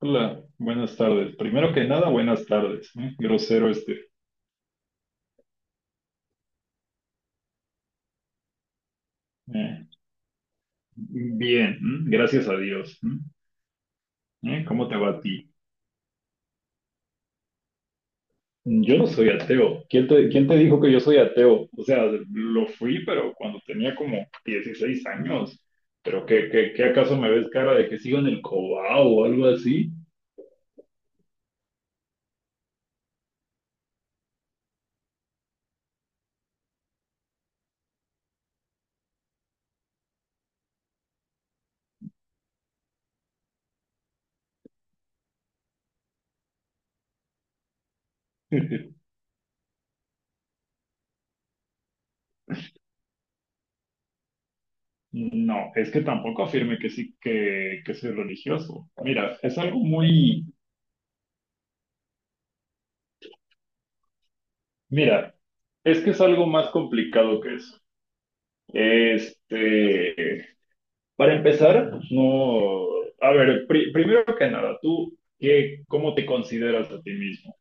Hola, buenas tardes. Primero que nada, buenas tardes. ¿Eh? Grosero este. Eh, bien, ¿m? Gracias a Dios. ¿M? ¿Eh? ¿Cómo te va a ti? Yo no soy ateo. ¿Quién te dijo que yo soy ateo? O sea, lo fui, pero cuando tenía como 16 años. ¿Pero qué acaso me ves cara de que sigo en el cobao o algo así? No, es que tampoco afirme que soy religioso. Mira, es algo muy... Mira, es que es algo más complicado que eso. Este, para empezar, pues no, a ver, primero que nada, ¿tú qué, cómo te consideras a ti mismo?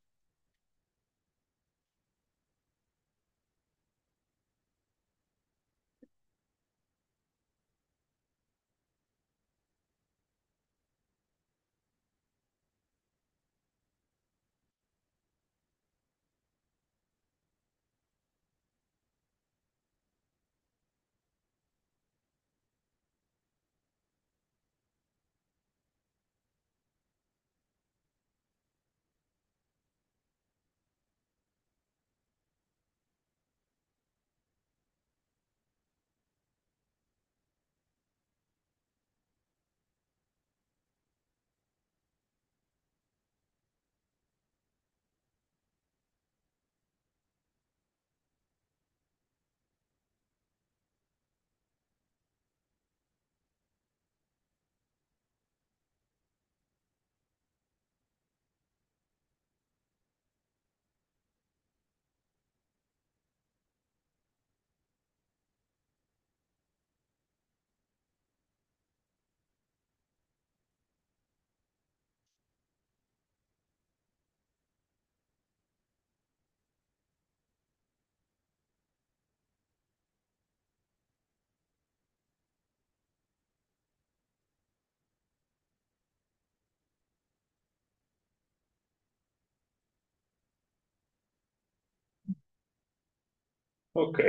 Ok,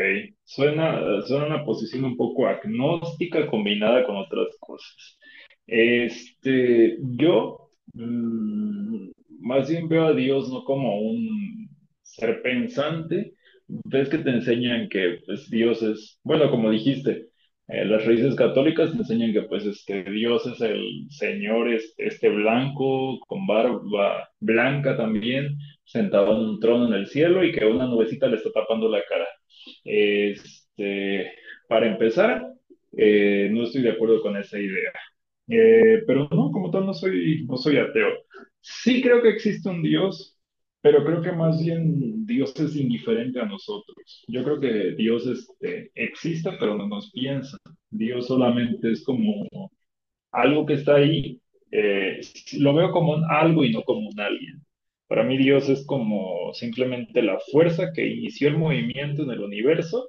suena una posición un poco agnóstica combinada con otras cosas. Yo más bien veo a Dios no como un ser pensante. Ves que te enseñan que pues, Dios es, bueno, como dijiste, las raíces católicas te enseñan que pues este Dios es el Señor, este blanco, con barba blanca también, sentado en un trono en el cielo y que una nubecita le está tapando la cara. Este, para empezar, no estoy de acuerdo con esa idea. Pero no, como tal, no soy ateo. Sí creo que existe un Dios, pero creo que más bien Dios es indiferente a nosotros. Yo creo que Dios este, existe, pero no nos piensa. Dios solamente es como algo que está ahí. eh, lo veo como un algo y no como un alguien. Para mí Dios es como simplemente la fuerza que inició el movimiento en el universo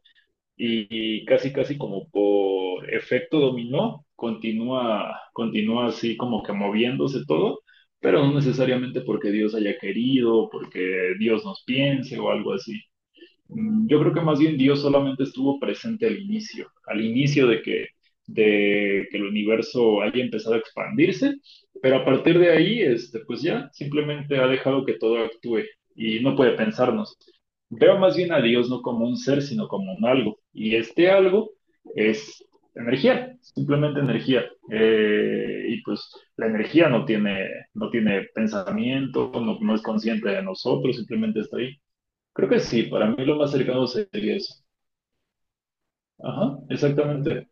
y casi casi como por efecto dominó, continúa así como que moviéndose todo, pero no necesariamente porque Dios haya querido, porque Dios nos piense o algo así. Yo creo que más bien Dios solamente estuvo presente al inicio de que el universo haya empezado a expandirse, pero a partir de ahí, este, pues ya simplemente ha dejado que todo actúe y no puede pensarnos. Veo más bien a Dios no como un ser, sino como un algo. Y este algo es energía, simplemente energía. Y pues la energía no tiene, no tiene pensamiento, no, no es consciente de nosotros, simplemente está ahí. Creo que sí, para mí lo más cercano sería eso. Ajá, exactamente.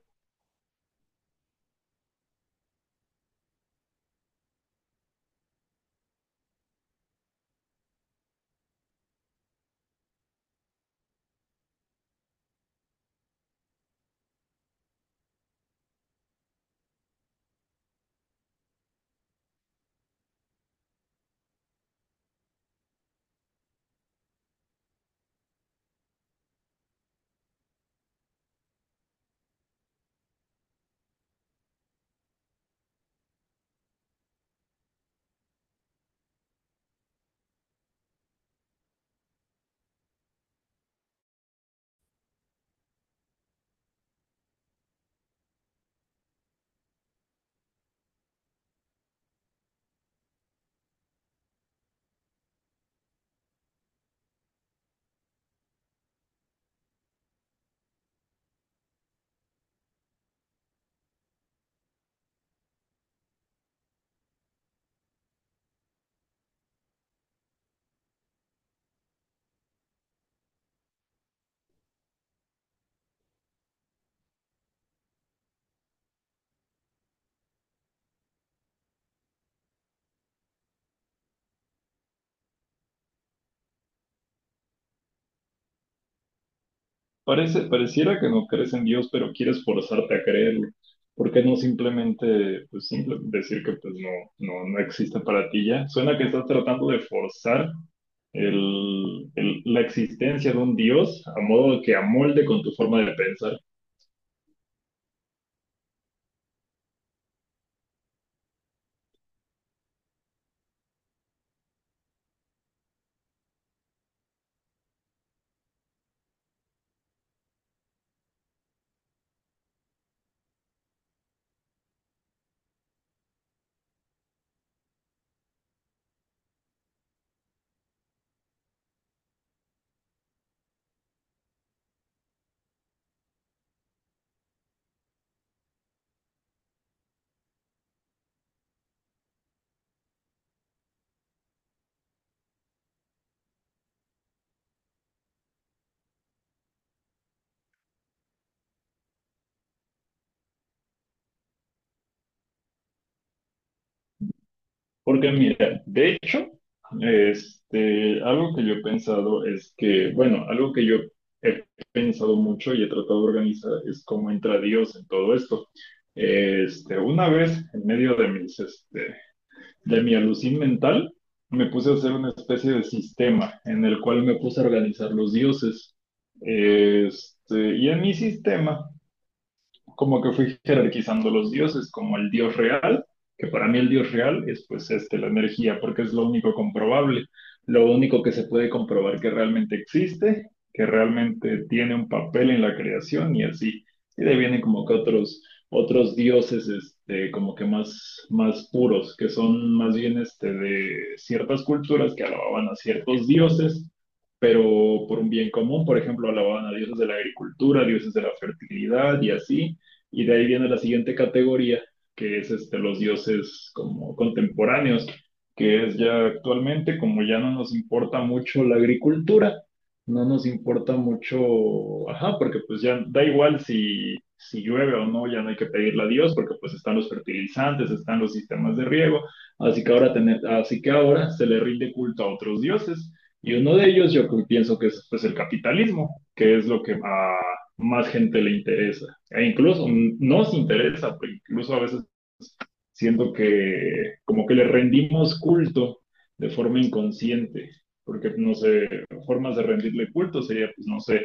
Pareciera que no crees en Dios, pero quieres forzarte a creerlo. ¿Por qué no simplemente pues, decir que pues, no existe para ti ya? Suena que estás tratando de forzar la existencia de un Dios a modo que amolde con tu forma de pensar. Porque mira, de hecho, algo que yo he pensado es que, bueno, algo que yo he pensado mucho y he tratado de organizar es cómo entra Dios en todo esto. Una vez, en medio de mis de mi alucin mental, me puse a hacer una especie de sistema en el cual me puse a organizar los dioses. Y en mi sistema como que fui jerarquizando los dioses como el dios real, que para mí el dios real es pues este, la energía, porque es lo único comprobable, lo único que se puede comprobar que realmente existe, que realmente tiene un papel en la creación y así. Y de ahí vienen como que otros dioses este, como que más puros, que son más bien este, de ciertas culturas que alababan a ciertos dioses, pero por un bien común, por ejemplo, alababan a dioses de la agricultura, dioses de la fertilidad y así, y de ahí viene la siguiente categoría, que es este, los dioses como contemporáneos, que es ya actualmente, como ya no nos importa mucho la agricultura, no nos importa mucho, ajá, porque pues ya da igual si llueve o no, ya no hay que pedirle a Dios, porque pues están los fertilizantes, están los sistemas de riego, así que ahora, así que ahora se le rinde culto a otros dioses, y uno de ellos yo pienso que es pues el capitalismo, que es lo que a más gente le interesa e incluso nos interesa, pues, incluso a veces siento que como que le rendimos culto de forma inconsciente, porque no sé, formas de rendirle culto sería, pues no sé,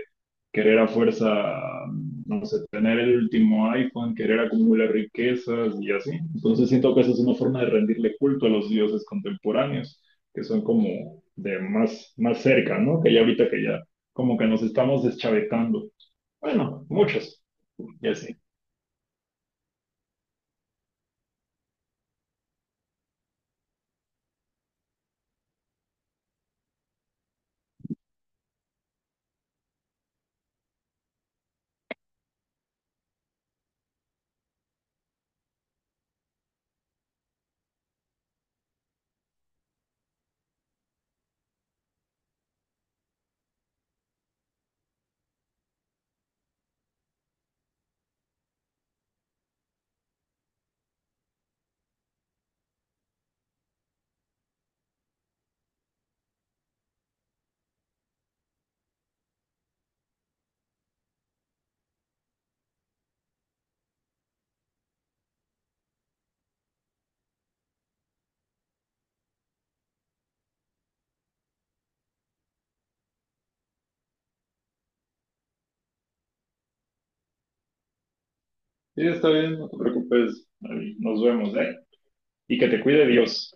querer a fuerza, no sé, tener el último iPhone, querer acumular riquezas y así. Entonces siento que esa es una forma de rendirle culto a los dioses contemporáneos, que son como de más cerca, ¿no? Que ya ahorita que ya como que nos estamos deschavetando. Bueno, muchos. Y así. Sí, está bien, no te preocupes. Ahí nos vemos, ¿eh? Y que te cuide Dios.